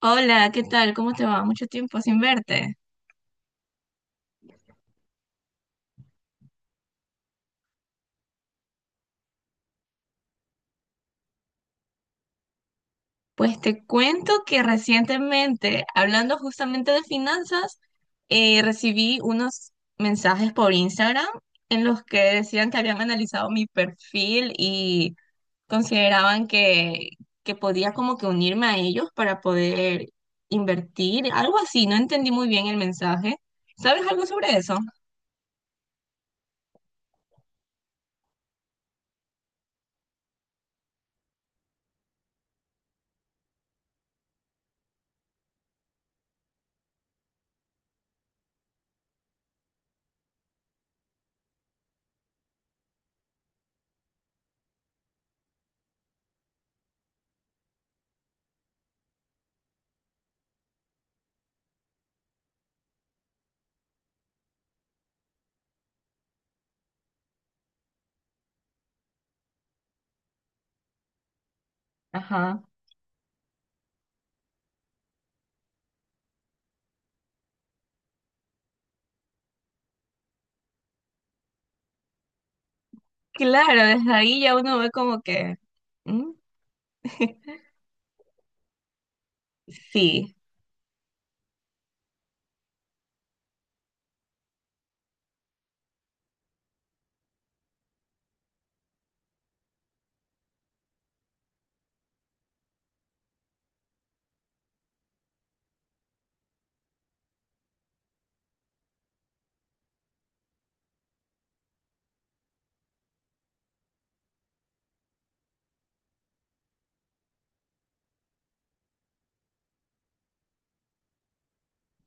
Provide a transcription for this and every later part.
Hola, ¿qué tal? ¿Cómo te va? Mucho tiempo sin verte. Pues te cuento que recientemente, hablando justamente de finanzas, recibí unos mensajes por Instagram en los que decían que habían analizado mi perfil y consideraban que podía como que unirme a ellos para poder invertir, algo así. No entendí muy bien el mensaje. ¿Sabes algo sobre eso? Ajá. Claro, desde ahí ya uno ve como que... ¿Mm? Sí.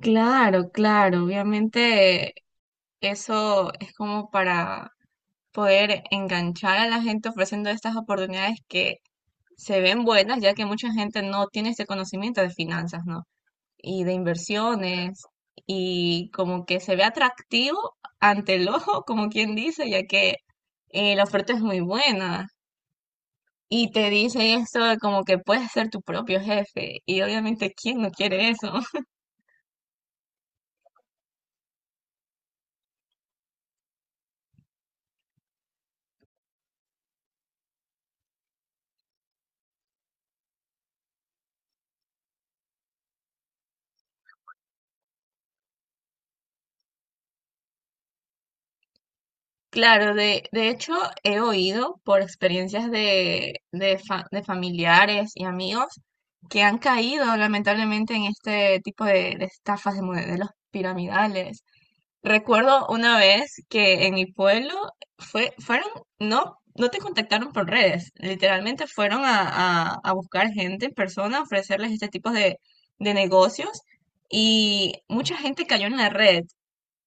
Claro, claro, obviamente eso es como para poder enganchar a la gente ofreciendo estas oportunidades que se ven buenas, ya que mucha gente no tiene este conocimiento de finanzas, ¿no? Y de inversiones, y como que se ve atractivo ante el ojo, como quien dice, ya que la oferta es muy buena. Y te dice esto de como que puedes ser tu propio jefe, y obviamente, ¿quién no quiere eso? Claro, de hecho he oído por experiencias de familiares y amigos que han caído lamentablemente en este tipo de estafas de modelos piramidales. Recuerdo una vez que en mi pueblo fue, fueron, no, no te contactaron por redes, literalmente fueron a buscar gente en persona, a ofrecerles este tipo de negocios y mucha gente cayó en la red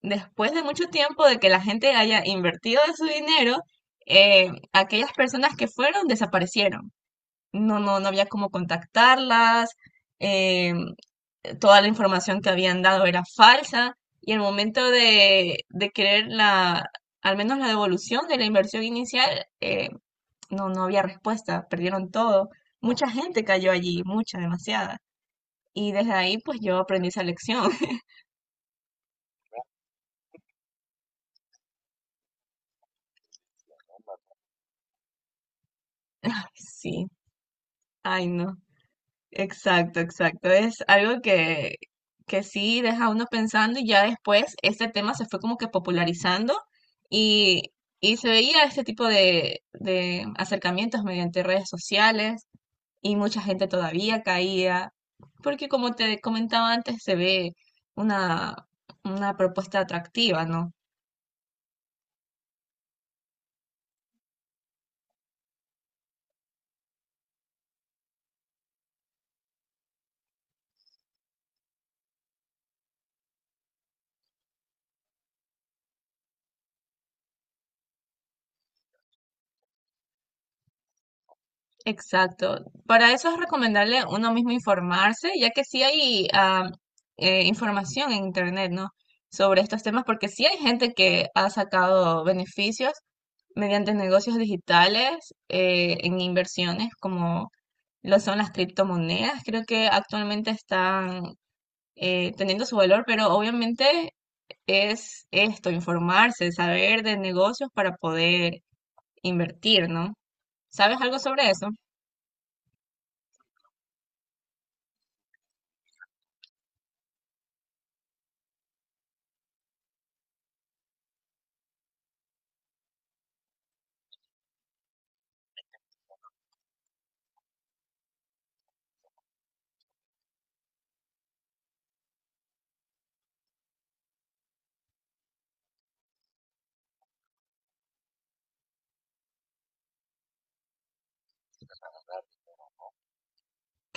después de mucho tiempo de que la gente haya invertido de su dinero, aquellas personas que fueron desaparecieron. No había cómo contactarlas, eh, toda la información que habían dado era falsa y el momento de querer al menos la devolución de la inversión inicial, no había respuesta, perdieron todo. Mucha gente cayó allí, mucha, demasiada. Y desde ahí pues yo aprendí esa lección. Ay, sí, ay no. Exacto, exacto. Es algo que sí deja a uno pensando y ya después este tema se fue como que popularizando y, y se veía este tipo de acercamientos mediante redes sociales y mucha gente todavía caía, porque como te comentaba antes, se ve una, una propuesta atractiva, ¿no? Exacto. Para eso es recomendable uno mismo informarse, ya que sí hay información en internet, ¿no? Sobre estos temas, porque sí hay gente que ha sacado beneficios mediante negocios digitales en inversiones, como lo son las criptomonedas. Creo que actualmente están teniendo su valor, pero obviamente es esto, informarse, saber de negocios para poder invertir, ¿no? ¿Sabes algo sobre eso?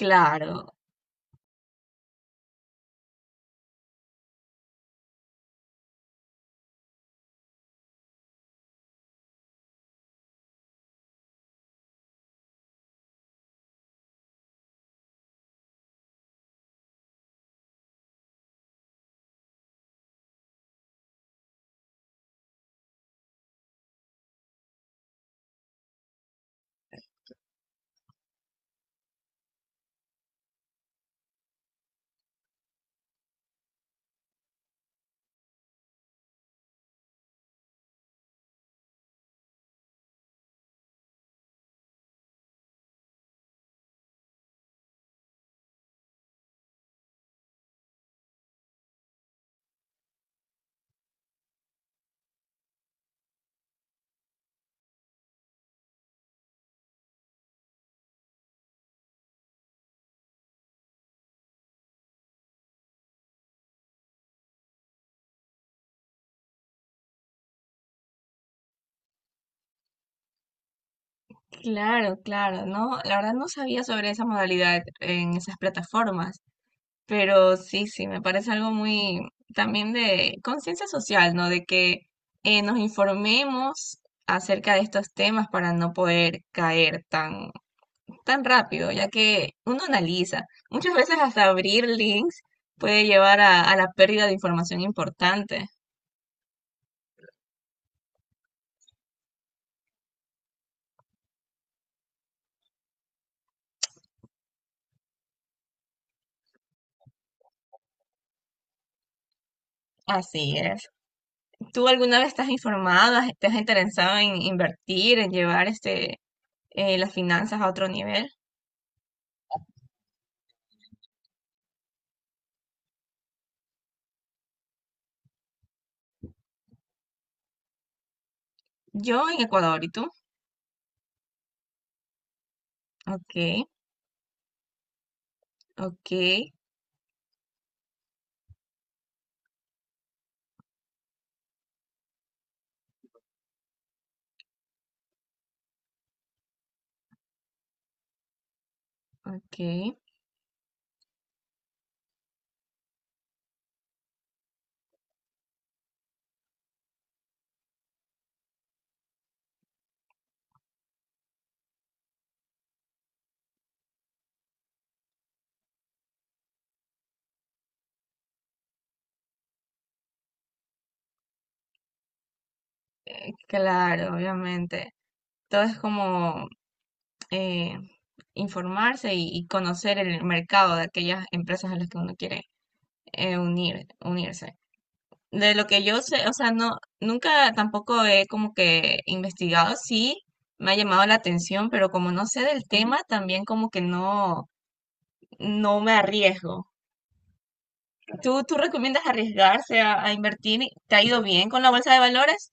Claro, claro, claro, ¿no? La verdad no sabía sobre esa modalidad en esas plataformas, pero sí, sí, me parece algo muy también de conciencia social, ¿no? De que nos informemos acerca de estos temas para no poder caer tan, tan rápido, ya que uno analiza. Muchas veces hasta abrir links puede llevar a la pérdida de información importante. Así es. ¿Tú alguna vez estás informado, te has interesado en invertir, en llevar este, las finanzas a otro nivel? Yo en Ecuador, ¿y tú? Ok, ok, ok. Claro, obviamente. Todo es como eh, informarse y conocer el mercado de aquellas empresas a las que uno quiere unirse. De lo que yo sé, o sea, no, nunca tampoco he como que investigado, sí, me ha llamado la atención, pero como no sé del tema, también como que no, no me arriesgo. ¿¿Tú recomiendas arriesgarse a invertir? Y- ¿Te ha ido bien con la bolsa de valores?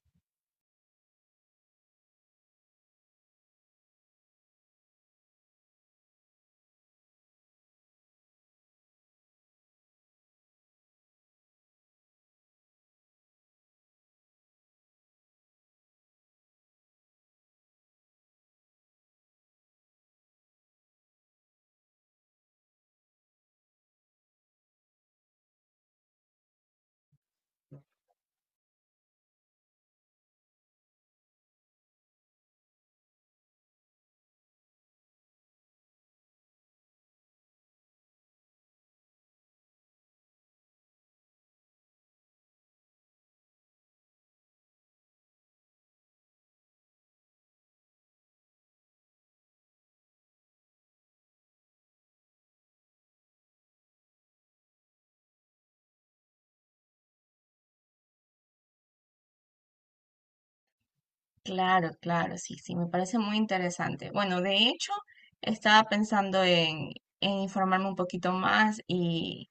Claro, claro, sí, sí, me parece muy interesante. Bueno, de hecho, estaba pensando en informarme un poquito más y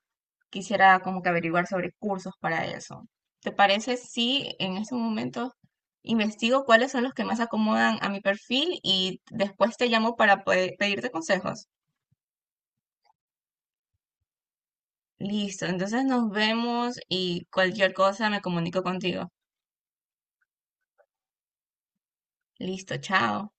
quisiera como que averiguar sobre cursos para eso. ¿Te parece si en este momento investigo cuáles son los que más acomodan a mi perfil y después te llamo para poder pedirte consejos? Listo, entonces nos vemos y cualquier cosa me comunico contigo. Listo, chao.